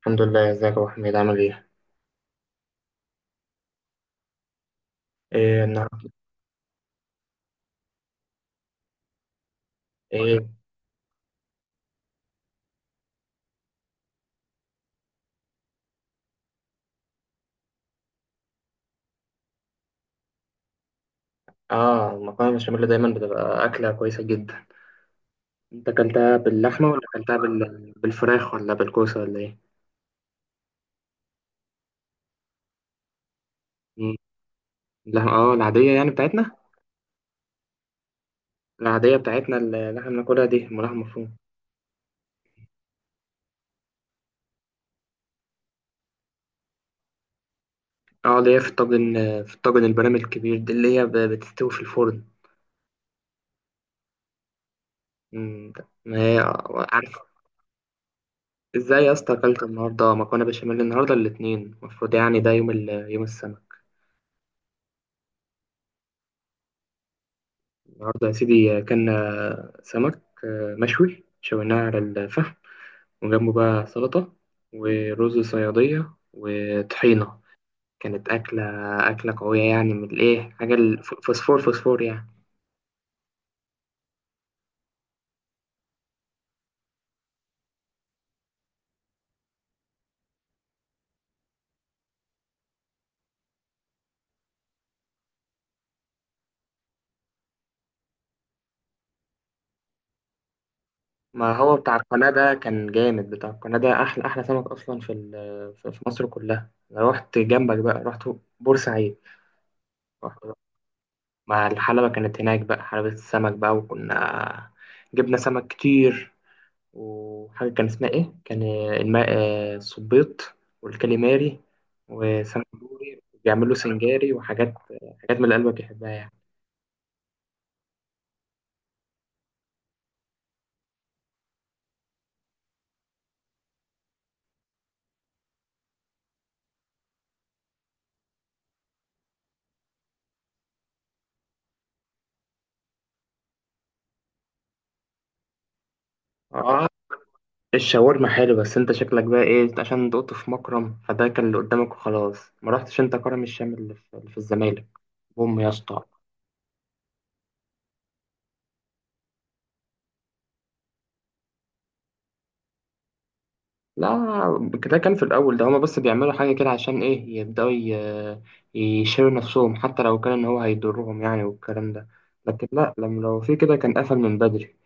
الحمد لله، ازيك يا ابو حميد عامل ايه؟ ايه النهارده؟ ايه اه المكرونه البشاميل دايما بتبقى اكله كويسه جدا. انت اكلتها باللحمه ولا اكلتها بالفراخ ولا بالكوسه ولا ايه؟ مم. اللحمه العاديه يعني بتاعتنا. العاديه بتاعتنا اللي احنا بناكلها دي لحمه مفرومه. اه اللي هي في الطاجن، في الطاجن البرامي الكبير دي اللي هي بتستوي في الفرن. مم. ما هي عارف. ازاي يا اسطى اكلت النهارده مكرونه بشاميل؟ النهارده الاثنين، المفروض يعني ده يوم السبت. النهاردة يا سيدي أكلنا سمك، مشوي، شويناه على الفحم، وجنبه بقى سلطة ورز صيادية وطحينة. كانت أكلة قوية، يعني من الإيه، حاجة الفوسفور، فوسفور يعني. ما هو بتاع القناة ده كان جامد، بتاع القناة ده أحلى سمك أصلا في في مصر كلها. أنا رحت جنبك بقى، رحت بورسعيد. رحت بقى مع الحلبة، كانت هناك بقى حلبة السمك بقى، وكنا جبنا سمك كتير. وحاجة كان اسمها إيه؟ كان الماء، الصبيط والكاليماري وسمبوري، بيعملوا سنجاري وحاجات، حاجات من اللي قلبك يحبها يعني. آه، الشاورما حلو، بس أنت شكلك بقى إيه؟ عشان دقت في مكرم، فده كان اللي قدامك وخلاص، ما رحتش أنت كرم الشام اللي في الزمالك. بوم يا اسطى. لا، ده كان في الأول، ده هما بس بيعملوا حاجة كده عشان إيه، يبدأوا يشيلوا نفسهم حتى لو كان إن هو هيضرهم يعني، والكلام ده. لكن لا، لما لو في كده كان قفل من بدري.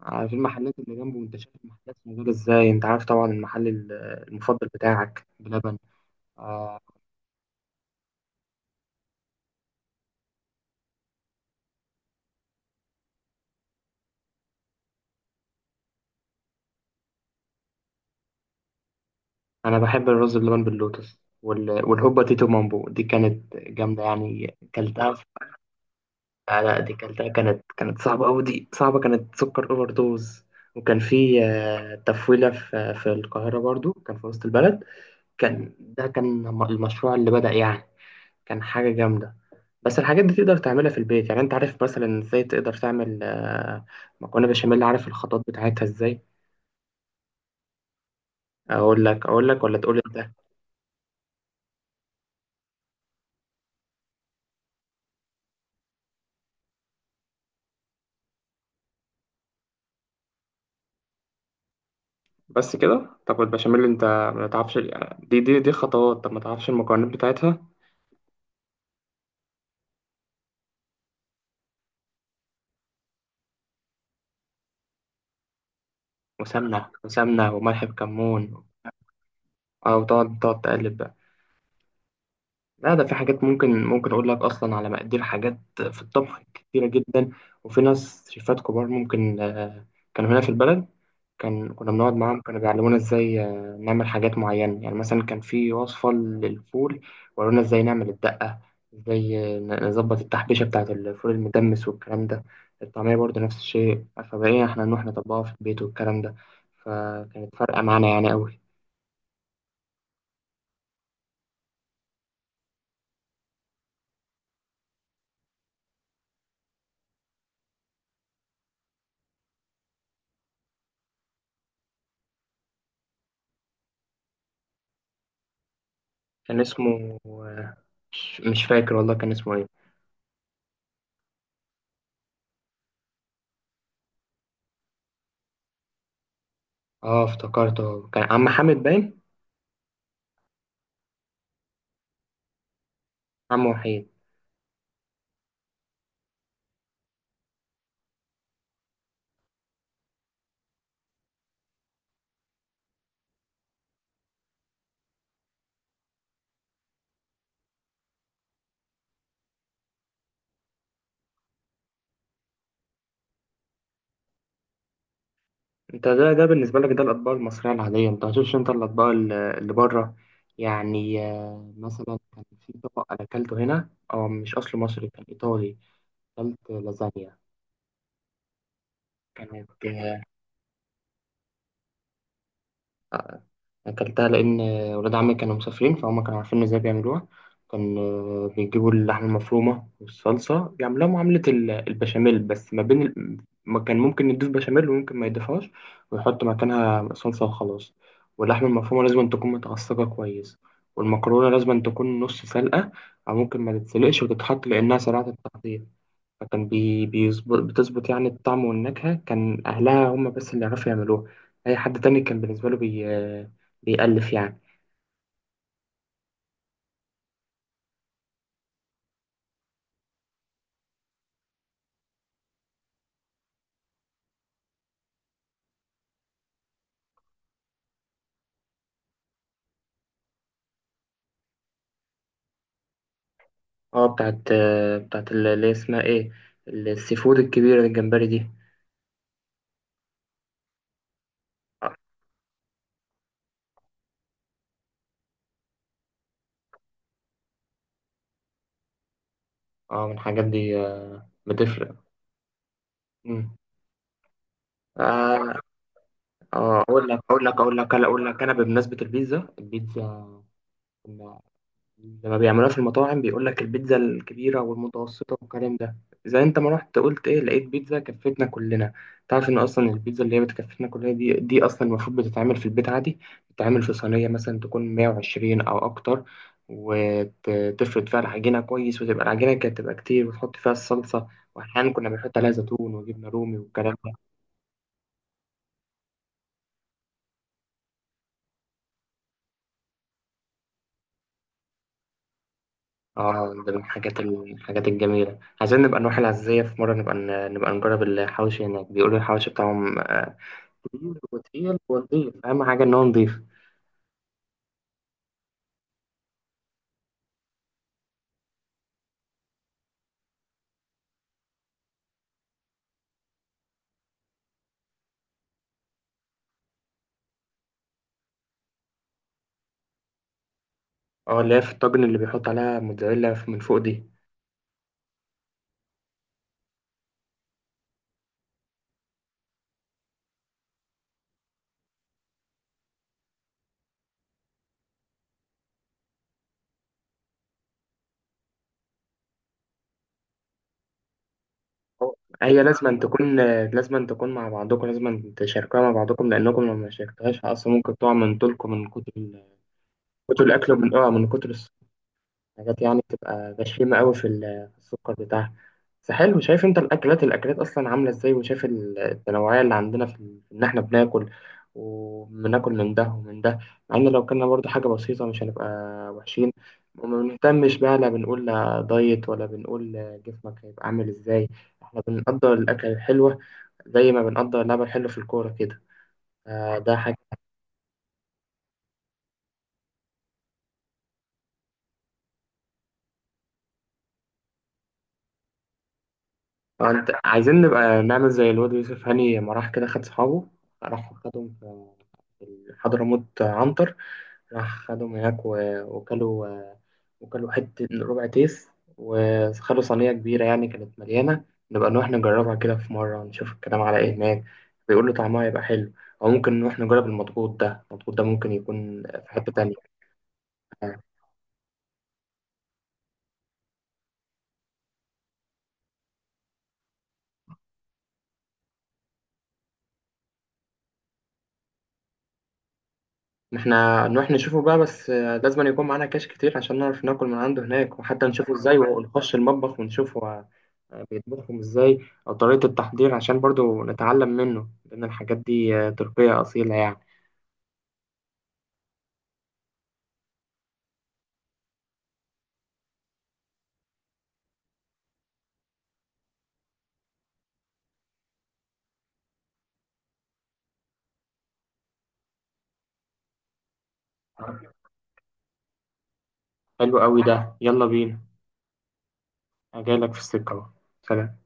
على في المحلات اللي جنبه، انت شايف المحلات موجودة ازاي؟ انت عارف طبعا المفضل بتاعك بلبن. آه، انا بحب الرز بلبن باللوتس والهوبا تيتو مامبو، دي كانت جامدة يعني، كلتها آه لا، دي كلتها، كانت صعبة أوي، دي صعبة، كانت سكر اوفر دوز. وكان في تفويلة في القاهرة، برضو كان في وسط البلد. كان ده كان المشروع اللي بدأ يعني، كان حاجة جامدة. بس الحاجات دي تقدر تعملها في البيت يعني. انت عارف مثلا ازاي تقدر تعمل مكرونة بشاميل؟ عارف الخطوات بتاعتها ازاي؟ اقول لك، اقول لك ولا تقول انت؟ بس كده؟ طب البشاميل انت ما تعرفش دي خطوات، طب ما تعرفش المكونات بتاعتها. وسمنة وملح بكمون. او تقعد، تقلب بقى. لا، ده في حاجات، ممكن اقول لك اصلا على مقادير، حاجات في الطبخ كتيرة جدا. وفي ناس شيفات كبار، ممكن كانوا هنا في البلد، كنا بنقعد معاهم، كانوا بيعلمونا ازاي نعمل حاجات معينة يعني. مثلا كان في وصفة للفول، ورونا ازاي نعمل الدقة، ازاي نظبط التحبيشة بتاعة الفول المدمس والكلام ده. الطعمية برضه نفس الشيء. فبقينا احنا نروح نطبقها في البيت والكلام ده، فكانت فارقة معانا يعني قوي. كان اسمه، مش فاكر والله كان اسمه ايه. اه، افتكرته، كان عم حامد باين. عم وحيد. انت ده بالنسبه لك ده الاطباق المصريه العاديه، انت هتشوفش انت الاطباق اللي بره يعني. مثلا كان في طبق انا اكلته هنا، او مش اصله مصري، كان ايطالي. اكلت لازانيا. كانت أكلتها لأن ولاد عمي كانوا مسافرين، فهم كانوا عارفين إزاي بيعملوها. كان بيجيبوا اللحمة المفرومة والصلصة، بيعملوها معاملة البشاميل، بس ما بين ما كان ممكن يضيف بشاميل وممكن ما يضيفهاش ويحط مكانها صلصة وخلاص. واللحمة المفرومة لازم تكون متعصجة كويس، والمكرونة لازم تكون نص سلقة، أو ممكن ما تتسلقش وتتحط لأنها سريعة التحضير. فكان بيظبط، بتظبط يعني الطعم والنكهة. كان أهلها هم بس اللي يعرفوا يعملوها، أي حد تاني كان بالنسبة له بيألف يعني. اه بتاعت، بتاعت اللي هي اسمها ايه، السي فود الكبيرة الجمبري دي. اه، من الحاجات دي بتفرق. مم. اه اقول لك، اقول لك انا بمناسبة البيتزا، كنا لما بيعملوها في المطاعم بيقول لك البيتزا الكبيرة والمتوسطة والكلام ده. زي انت ما رحت قلت ايه، لقيت بيتزا كفتنا كلنا. تعرف ان اصلا البيتزا اللي هي بتكفتنا كلنا دي اصلا المفروض بتتعمل في البيت عادي. بتتعمل في صينية مثلا تكون 120 او اكتر، وتفرد فيها العجينة كويس، وتبقى العجينة كانت تبقى كتير، وتحط فيها الصلصة. واحيانا كنا بنحط عليها زيتون وجبنة رومي والكلام ده. اه، ده من الحاجات الجميلة. عايزين نبقى نروح العزية في مرة، نبقى نجرب الحوشي هناك، بيقولوا الحوشي بتاعهم تقيل، ونضيف، أهم حاجة إن هو نضيف. اه اللي هي في الطاجن، اللي بيحط عليها موتزاريلا من فوق دي. هو- هي لازم تكون، لازم تكون مع بعضكم، لازم تشاركوها مع بعضكم، لأنكم لو ما شاركتوهاش أصلا ممكن تقع من طولكم من كتر كتر الأكل، ومن من كتر حاجات يعني بتبقى غشيمة قوي في السكر بتاعها. بس حلو، شايف انت الاكلات، اصلا عامله ازاي، وشايف التنوعيه اللي عندنا في ان احنا بناكل، وبناكل من ده ومن ده. مع ان لو كنا برضو حاجه بسيطه مش هنبقى وحشين. وما بنهتمش بقى، لا بنقول لا دايت، ولا بنقول لا جسمك هيبقى عامل ازاي. احنا بنقدر الاكل الحلوه زي ما بنقدر اللعبه الحلوه في الكوره كده. آه، ده حاجه آه، انت عايزين نبقى نعمل زي الواد يوسف هاني، لما راح كده خد صحابه، راح خدهم في في حضرموت عنتر، راح خدهم هناك وكلوا، وكلوا حتة ربع تيس، وخدوا صينية كبيرة يعني كانت مليانة. نبقى نروح نجربها كده في مرة، نشوف الكلام على ايه هناك. بيقولوا طعمها يبقى حلو. أو ممكن نروح نجرب المضغوط ده، المضغوط ده ممكن يكون في حتة تانية. إن احنا نروح نشوفه بقى، بس لازم يكون معانا كاش كتير عشان نعرف ناكل من عنده هناك، وحتى نشوفه ازاي، ونخش المطبخ ونشوفه بيطبخهم ازاي، او طريقة التحضير، عشان برضو نتعلم منه، لان الحاجات دي تركية اصيلة يعني. حلو قوي ده، يلا بينا. أنا جايلك في السكة اهو. سلام.